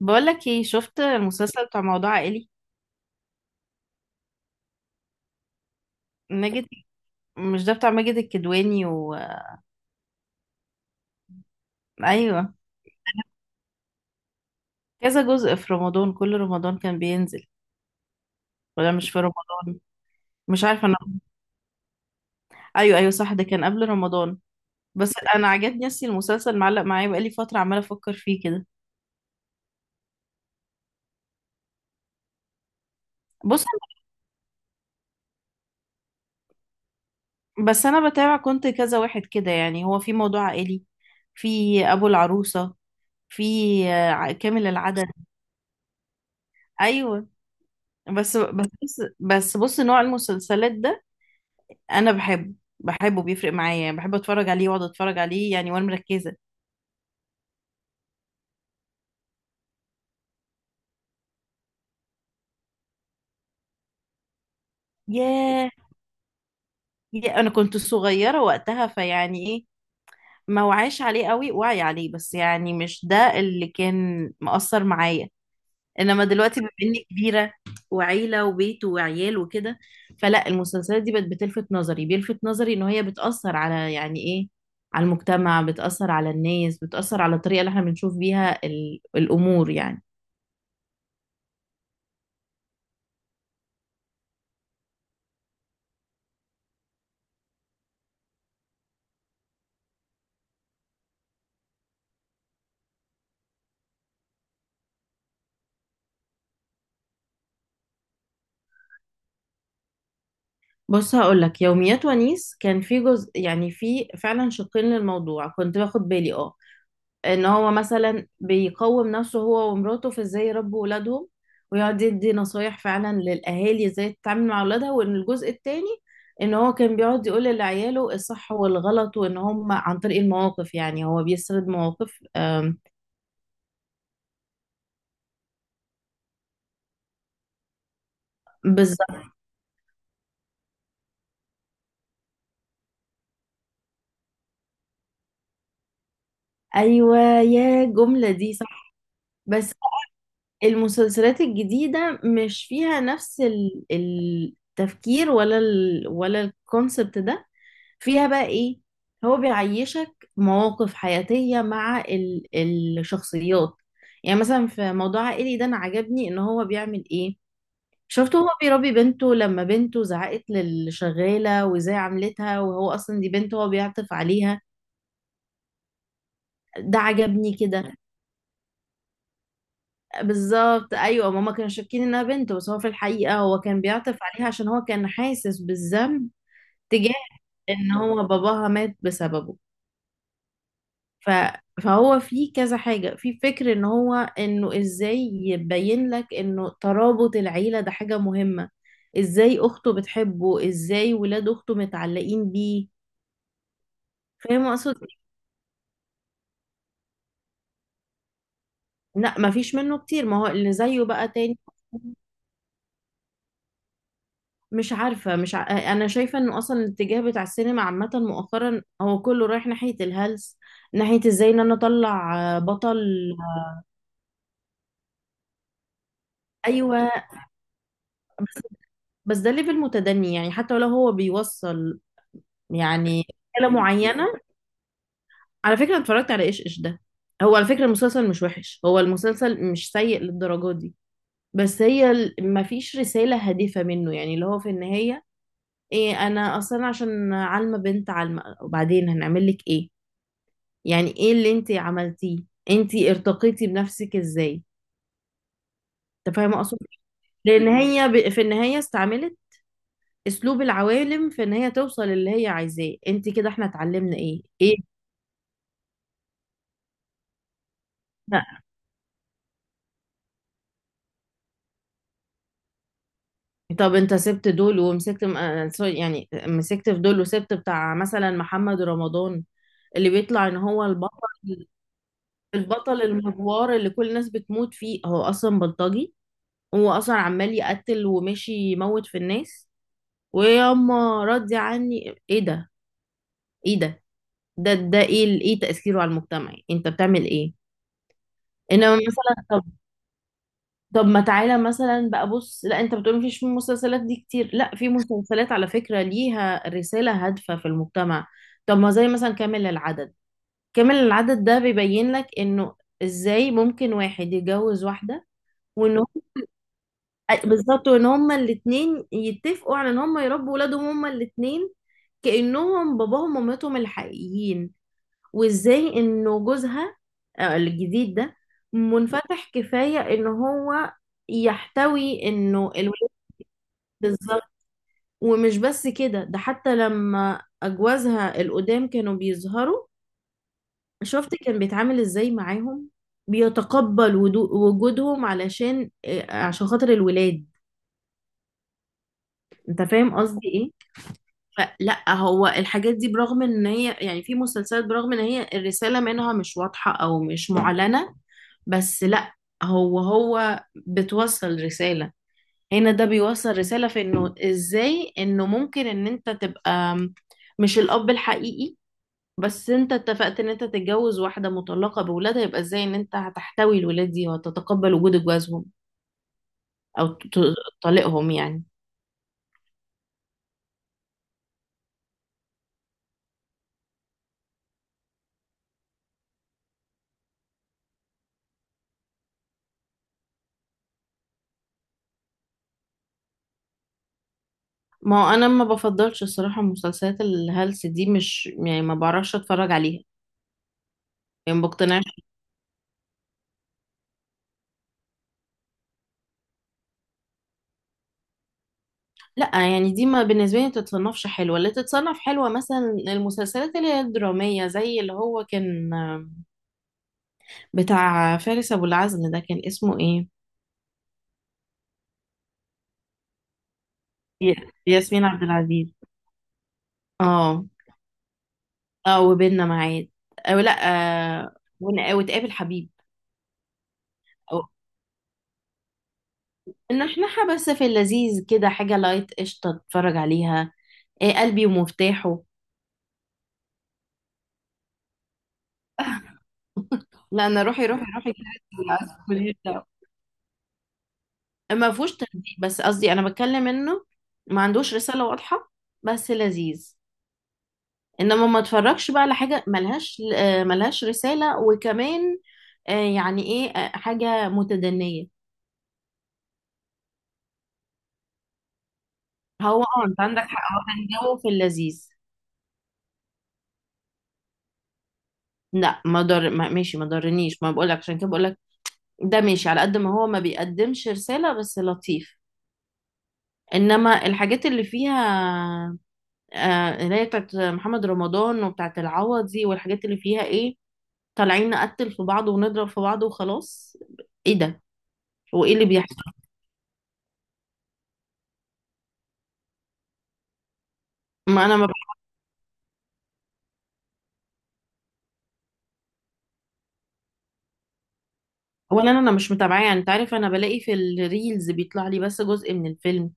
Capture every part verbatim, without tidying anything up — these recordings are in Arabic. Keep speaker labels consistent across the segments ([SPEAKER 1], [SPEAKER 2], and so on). [SPEAKER 1] بقولك ايه، شفت المسلسل بتاع موضوع عائلي؟ ماجد. مش ده بتاع ماجد الكدواني و... ايوه. كذا جزء في رمضان، كل رمضان كان بينزل، ولا مش في رمضان؟ مش عارفه انا. ايوه ايوه صح، ده كان قبل رمضان. بس انا عجبني، اصلي المسلسل معلق معايا بقالي فتره، عماله افكر فيه كده. بص، بس انا بتابع، كنت كذا واحد كده، يعني هو في موضوع عائلي، في ابو العروسه، في آه، كامل العدد. ايوه. بس بس بس بص، نوع المسلسلات ده انا بحبه، بحبه، بيفرق معايا، بحب اتفرج عليه واقعد اتفرج عليه يعني وانا مركزه. ياه، يا انا كنت صغيره وقتها فيعني ايه، ما وعيش عليه قوي، وعي عليه بس يعني مش ده اللي كان مأثر معايا. انما دلوقتي بما اني كبيره وعيله وبيت وعيال وكده، فلا المسلسلات دي بقت بتلفت نظري، بيلفت نظري ان هي بتأثر على يعني ايه، على المجتمع، بتأثر على الناس، بتأثر على الطريقه اللي احنا بنشوف بيها ال- الامور يعني. بص هقولك، يوميات ونيس كان في جزء، يعني في فعلا شقين للموضوع كنت باخد بالي اه، ان هو مثلا بيقوم نفسه هو ومراته في ازاي يربوا ولادهم ويقعد يدي نصايح فعلا للاهالي ازاي تتعامل مع اولادها، وان الجزء التاني ان هو كان بيقعد يقول لعياله الصح والغلط، وان هم عن طريق المواقف يعني هو بيسرد مواقف أم، بالظبط. ايوه، يا جملة دي صح. بس المسلسلات الجديدة مش فيها نفس ال- التفكير، ولا ال ولا الكونسبت ده. فيها بقى ايه؟ هو بيعيشك مواقف حياتية مع ال الشخصيات. يعني مثلا في موضوع عائلي ده انا عجبني ان هو بيعمل ايه، شفته هو بيربي بنته، لما بنته زعقت للشغالة وازاي عملتها، وهو اصلا دي بنته هو بيعطف عليها. ده عجبني كده. بالظبط ايوه، ماما كانوا شاكين انها بنت، بس هو في الحقيقه هو كان بيعطف عليها عشان هو كان حاسس بالذنب تجاه ان هو باباها مات بسببه. ف... فهو في كذا حاجه، في فكر ان هو انه ازاي يبين لك انه ترابط العيله ده حاجه مهمه، ازاي اخته بتحبه، ازاي ولاد اخته متعلقين بيه. فاهم اقصد إيه؟ لا مفيش منه كتير، ما هو اللي زيه بقى تاني. مش عارفة، مش ع... أنا شايفة إنه أصلا الاتجاه بتاع السينما عامة مؤخرا هو كله رايح ناحية الهلس، ناحية إزاي إن أنا أطلع آه، بطل. أيوة. بس, بس ده ليفل متدني يعني، حتى لو هو بيوصل يعني رسالة معينة. على فكرة أنا اتفرجت على إيش إيش ده، هو على فكرة المسلسل مش وحش، هو المسلسل مش سيء للدرجة دي، بس هي ال- مفيش رسالة هادفة منه يعني، اللي هو في النهاية إيه؟ أنا أصلا عشان عالمة بنت عالمة، وبعدين هنعمل لك إيه؟ يعني ايه اللي انت عملتيه؟ انت ارتقيتي بنفسك ازاي؟ انت فاهمه اقصد إيه؟ لان هي ب... في النهايه استعملت اسلوب العوالم في ان هي توصل اللي هي عايزاه. انت كده احنا اتعلمنا ايه ايه؟ لا. طب انت سبت دول ومسكت م- آه، سوري، يعني مسكت في دول وسبت بتاع مثلا محمد رمضان اللي بيطلع ان هو البطل، البطل المجوار اللي كل الناس بتموت فيه هو اصلا بلطجي، هو اصلا عمال يقتل وماشي يموت في الناس. وياما ردي عني ايه ده، ايه ده، ده ده ايه ال- ايه تأثيره على المجتمع؟ انت بتعمل ايه؟ انما مثلا، طب طب ما تعالى مثلا بقى، بص لا انت بتقول مفيش مسلسلات دي كتير، لا في مسلسلات على فكرة ليها رسالة هادفة في المجتمع. طب ما زي مثلا كامل العدد، كامل العدد ده بيبين لك انه ازاي ممكن واحد يتجوز واحدة وان هم، بالظبط، وان هما الاتنين يتفقوا على ان هما يربوا ولادهم هما الاتنين كأنهم باباهم ومامتهم الحقيقيين، وازاي انه جوزها آه، الجديد ده منفتح كفاية ان هو يحتوي انه الولاد، بالظبط. ومش بس كده، ده حتى لما اجوازها القدام كانوا بيظهروا، شفت كان بيتعامل ازاي معاهم، بيتقبل ودو- وجودهم علشان آه، عشان خاطر الولاد. انت فاهم قصدي ايه؟ فلا هو الحاجات دي برغم ان هي يعني في مسلسلات برغم ان هي الرسالة منها مش واضحة او مش معلنة، بس لا هو هو بتوصل رسالة، هنا ده بيوصل رسالة في انه ازاي انه ممكن ان انت تبقى مش الاب الحقيقي، بس انت اتفقت ان انت تتجوز واحدة مطلقة بولادها، يبقى ازاي ان انت هتحتوي الولاد دي وهتتقبل وجود جوازهم او ت- طليقهم يعني. ما هو انا ما بفضلش الصراحة مسلسلات الهلس دي، مش يعني ما بعرفش اتفرج عليها، يعني ما بقتنعش. لا يعني دي ما بالنسبة لي ما تتصنفش حلوة، اللي تتصنف حلوة مثلا المسلسلات اللي هي الدرامية، زي اللي هو كان بتاع فارس أبو العزم ده، كان اسمه ايه؟ ي- ياسمين عبد العزيز. اه. اه، وبيننا معاد، او لا، آه ون- وتقابل حبيب. او ان احنا بس في اللذيذ كده، حاجة لايت قشطة تتفرج عليها. إيه قلبي ومفتاحه؟ لا انا روحي روحي روحي كده ما فيهوش تهديد، بس قصدي انا بتكلم انه ما عندوش رسالة واضحة، بس لذيذ. انما ما اتفرجش بقى على حاجة ملهاش آه، ملهاش رسالة، وكمان آه، يعني ايه آه، حاجة متدنية. هو اه، انت عندك حق، هو كان جو في اللذيذ. لا ما ضر، ما ماشي ما ضرنيش، ما بقولك عشان كده بقولك ده ماشي، على قد ما هو ما بيقدمش رسالة بس لطيف. انما الحاجات اللي فيها آه، اللي هي بتاعت محمد رمضان وبتاعت العوضي والحاجات اللي فيها ايه، طالعين نقتل في بعض ونضرب في بعض وخلاص، ايه ده؟ وايه اللي بيحصل؟ ما انا ما بح... ولا انا، أنا مش متابعاه يعني، انت عارف انا بلاقي في الريلز بيطلع لي بس جزء من الفيلم.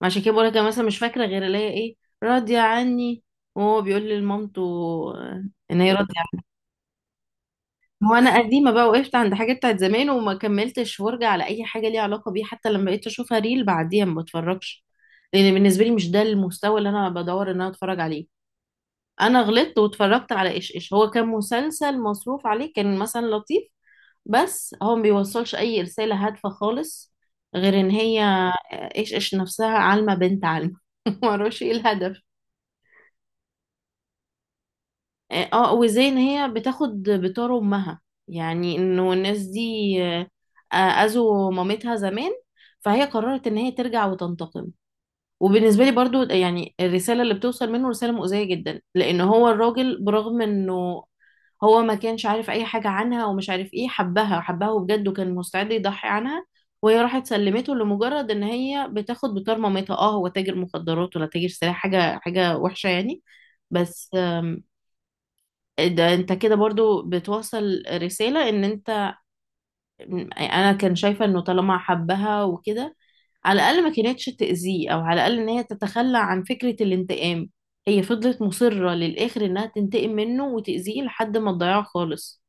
[SPEAKER 1] ما عشان كده بقول لك، انا مثلا مش فاكره غير الاقي ايه، راضيه عني، وهو بيقول لمامته آه، ان هي راضيه عني. هو انا قديمه بقى، وقفت عند حاجه بتاعت زمان وما كملتش فرجه على اي حاجه ليها علاقه بيه، حتى لما بقيت اشوفها ريل بعديها ما بتفرجش، لان بالنسبه لي مش ده المستوى اللي انا بدور ان انا اتفرج عليه. انا غلطت واتفرجت على ايش ايش، هو كان مسلسل مصروف عليه، كان مثلا لطيف، بس هو ما بيوصلش اي رسالة هادفة خالص، غير ان هي آه، ايش ايش نفسها عالمة بنت عالمة معرفش ايه الهدف. اه وزي ان هي بتاخد بتار امها، يعني انه الناس دي آه، اذوا مامتها زمان، فهي قررت ان هي ترجع وتنتقم. وبالنسبة لي برضو يعني الرسالة اللي بتوصل منه رسالة مؤذية جدا، لأن هو الراجل برغم إنه هو ما كانش عارف أي حاجة عنها ومش عارف إيه، حبها حبها وبجد وكان مستعد يضحي عنها، وهي راحت سلمته لمجرد إن هي بتاخد بطار مامتها، أه هو تاجر مخدرات ولا تاجر سلاح، حاجة حاجة وحشة يعني. بس آم، ده انت كده برضو بتوصل رسالة ان انت، انا كان شايفة انه طالما حبها وكده، على الأقل ما كانتش تأذيه، أو على الأقل إن هي تتخلى عن فكرة الانتقام. هي فضلت مصرة للآخر إنها تنتقم منه وتأذيه لحد ما تضيعه خالص.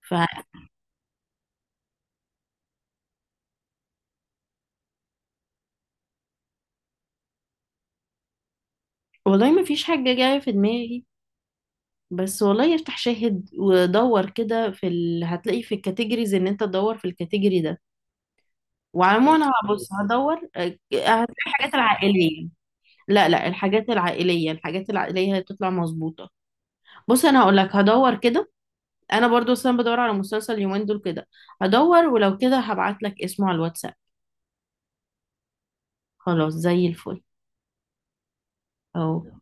[SPEAKER 1] ف والله ما فيش حاجة جاية في دماغي، بس والله افتح شاهد ودور كده في ال... هتلاقي في الكاتيجوريز، إن أنت تدور في الكاتيجوري ده. وعموما أنا هبص هدور أه، هتلاقي الحاجات العائلية. لا لا، الحاجات العائلية، الحاجات العائلية هتطلع مظبوطة. بص أنا هقولك، هدور كده، انا برضو اصلا بدور على مسلسل اليومين دول كده، هدور ولو كده هبعت لك اسمه على الواتساب. خلاص زي الفل. اهو.